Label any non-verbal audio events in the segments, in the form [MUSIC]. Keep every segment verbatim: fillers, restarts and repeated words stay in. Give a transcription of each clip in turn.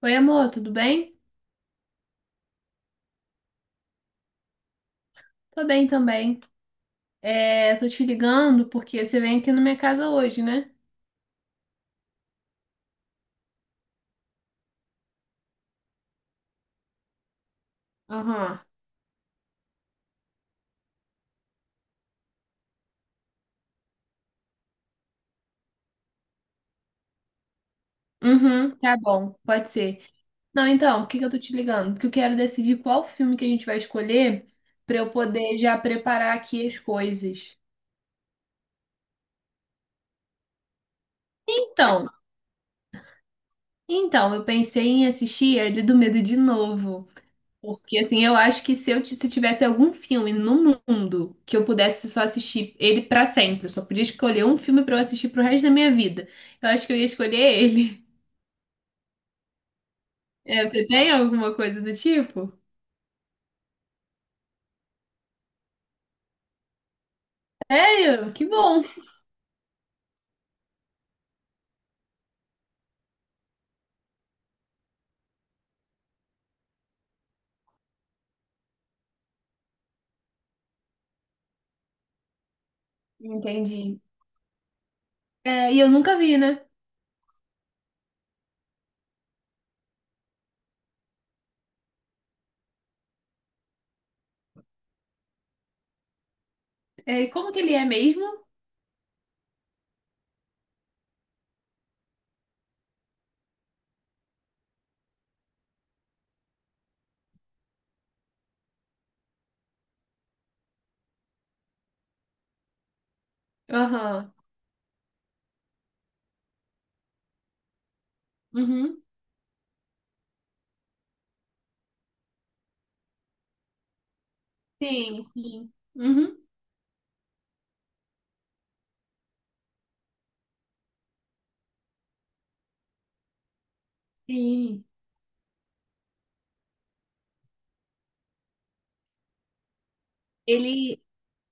Oi, amor, tudo bem? Tô bem também. É, tô te ligando porque você vem aqui na minha casa hoje, né? Aham. Uhum, tá bom, pode ser. Não, então, por que que eu tô te ligando? Porque eu quero decidir qual filme que a gente vai escolher pra eu poder já preparar aqui as coisas. Então, então, eu pensei em assistir ele do Medo de novo. Porque, assim, eu acho que se eu ti- se tivesse algum filme no mundo que eu pudesse só assistir ele pra sempre, eu só podia escolher um filme pra eu assistir pro resto da minha vida, eu acho que eu ia escolher ele. [LAUGHS] É, você tem alguma coisa do tipo? É, eu, que bom. Entendi. É, e eu nunca vi, né? É, e como que ele é mesmo? Aham. Uhum. Sim, sim. Uhum. Sim. Ele,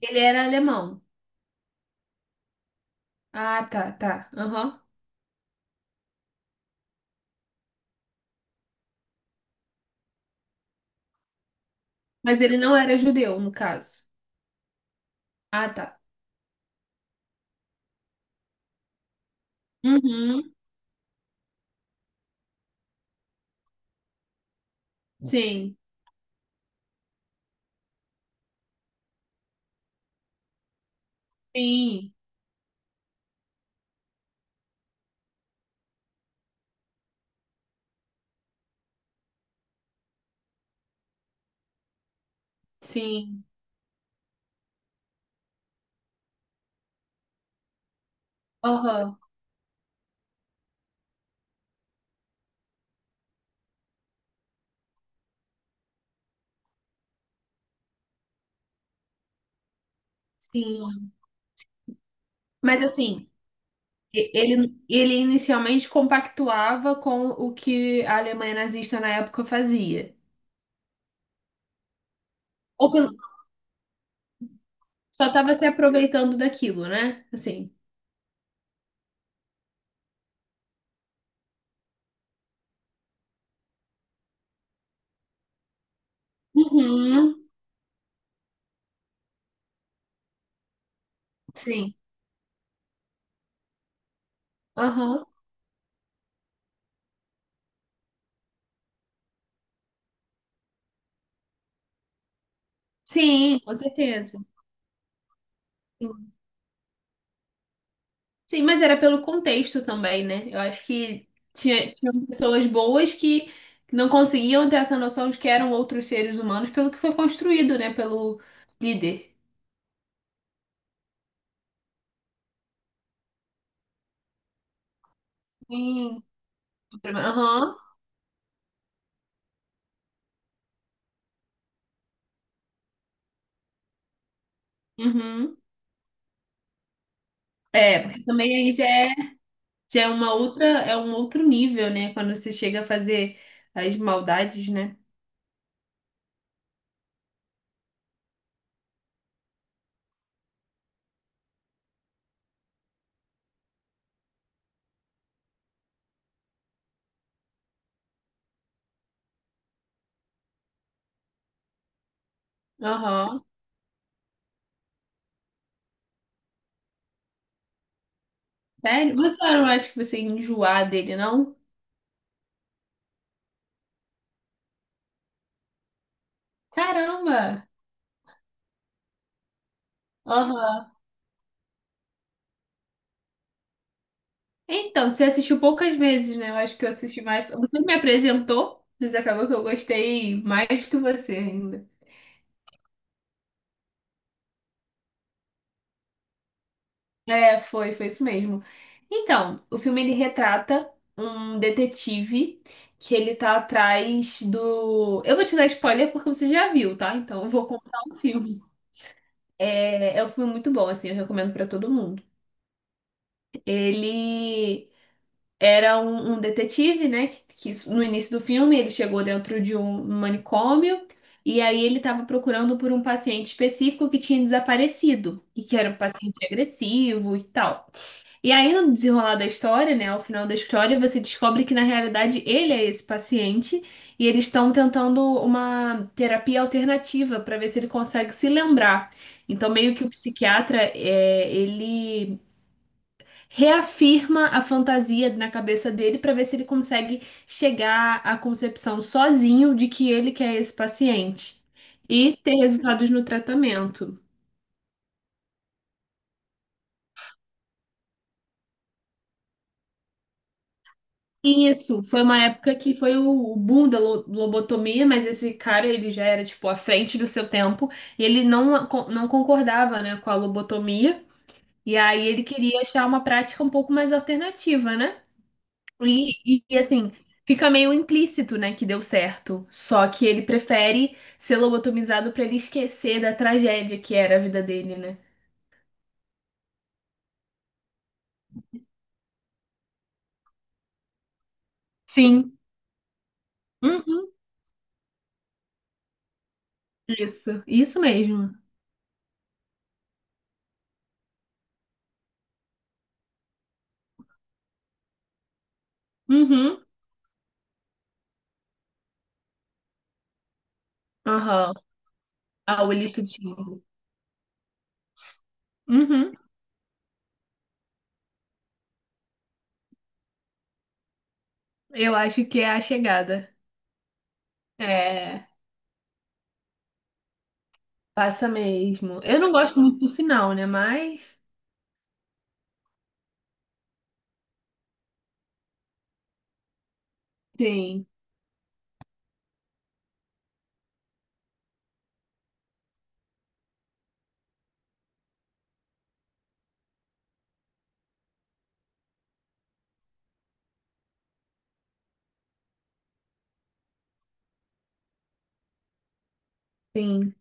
ele era alemão. Ah, tá, tá. Aham. Mas ele não era judeu, no caso. Ah, tá. Uhum. Sim, sim, sim, aham, sim. Mas assim, e- ele, ele inicialmente compactuava com o que a Alemanha nazista na época fazia. Ou pelo- só estava se aproveitando daquilo, né? Assim. Uhum, sim, aham, sim, com certeza. Sim. Sim, mas era pelo contexto também, né? Eu acho que tinha, tinham pessoas boas que não conseguiam ter essa noção de que eram outros seres humanos pelo que foi construído, né? Pelo líder. Sim. Superman, aham. Uhum. É, porque também aí já é, já é uma outra, é um outro nível, né? Quando você chega a fazer as maldades, né? Aham. Sério? Você não acha que você ia enjoar dele, não? Caramba! Aham. Então, você assistiu poucas vezes, né? Eu acho que eu assisti mais. Você me apresentou, mas acabou que eu gostei mais do que você ainda. É, foi, foi isso mesmo. Então, o filme ele retrata um detetive que ele tá atrás do. Eu vou te dar spoiler porque você já viu, tá? Então, eu vou contar o filme. É, é um filme muito bom, assim, eu recomendo pra todo mundo. Ele era um, um detetive, né? Que, que isso- no início do filme ele chegou dentro de um manicômio e aí ele estava procurando por um paciente específico que tinha desaparecido e que era um paciente agressivo e tal. E aí, no desenrolar da história, né, ao final da história, você descobre que na realidade ele é esse paciente e eles estão tentando uma terapia alternativa para ver se ele consegue se lembrar. Então, meio que o psiquiatra, é, ele reafirma a fantasia na cabeça dele para ver se ele consegue chegar à concepção sozinho de que ele que é esse paciente e ter resultados no tratamento. Isso, foi uma época que foi o, o boom da lo- lobotomia, mas esse cara, ele já era, tipo, à frente do seu tempo, e ele não, a- não concordava, né, com a lobotomia, e aí ele queria achar uma prática um pouco mais alternativa, né? E, e, e, assim, fica meio implícito, né, que deu certo, só que ele prefere ser lobotomizado pra ele esquecer da tragédia que era a vida dele, né? Sim. Uhum. Isso, isso mesmo. Uhum. Aham. Ah, o ilícito de Schindler. Uhum. Eu acho que é a chegada. É, passa mesmo. Eu não gosto muito do final, né? Mas tem, tem.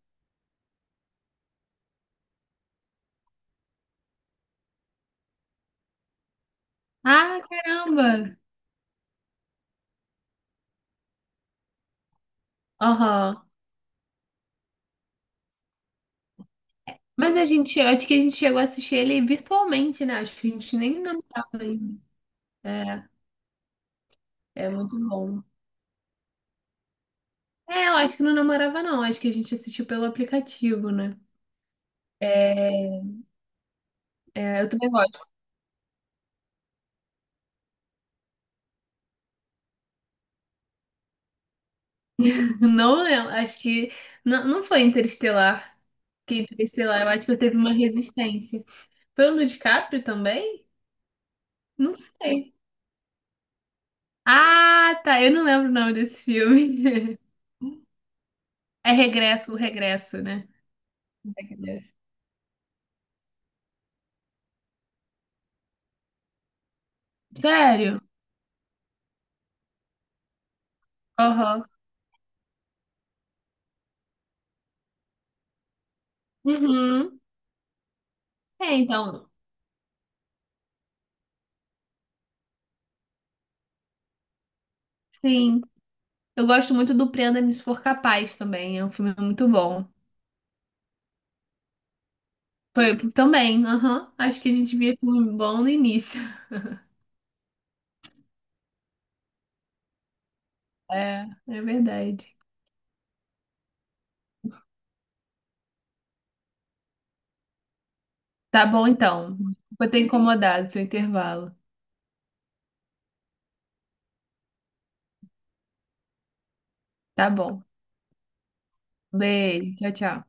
Ah, caramba! Aham. Mas a gente, acho que a gente chegou a assistir ele virtualmente, né? Acho que a gente nem namorava ainda. É, é muito bom. É, eu acho que não namorava, não. Acho que a gente assistiu pelo aplicativo, né? É, é, eu também gosto. [LAUGHS] Não lembro, acho que. Não, não foi Interestelar. Que Interestelar, eu acho que eu teve uma resistência. Foi pelo DiCaprio também? Não sei. Ah, tá. Eu não lembro o nome desse filme. [LAUGHS] É Regresso, o Regresso, né? Regresso. Sério? Aham. Uhum. É, então, sim. Eu gosto muito do Prenda-me Se For Capaz também. É um filme muito bom. Foi também, aham. Acho que a gente via filme bom no início. [LAUGHS] É, é verdade. Tá bom, então. Vou ter incomodado seu intervalo. Tá bom. Beijo. Tchau, tchau.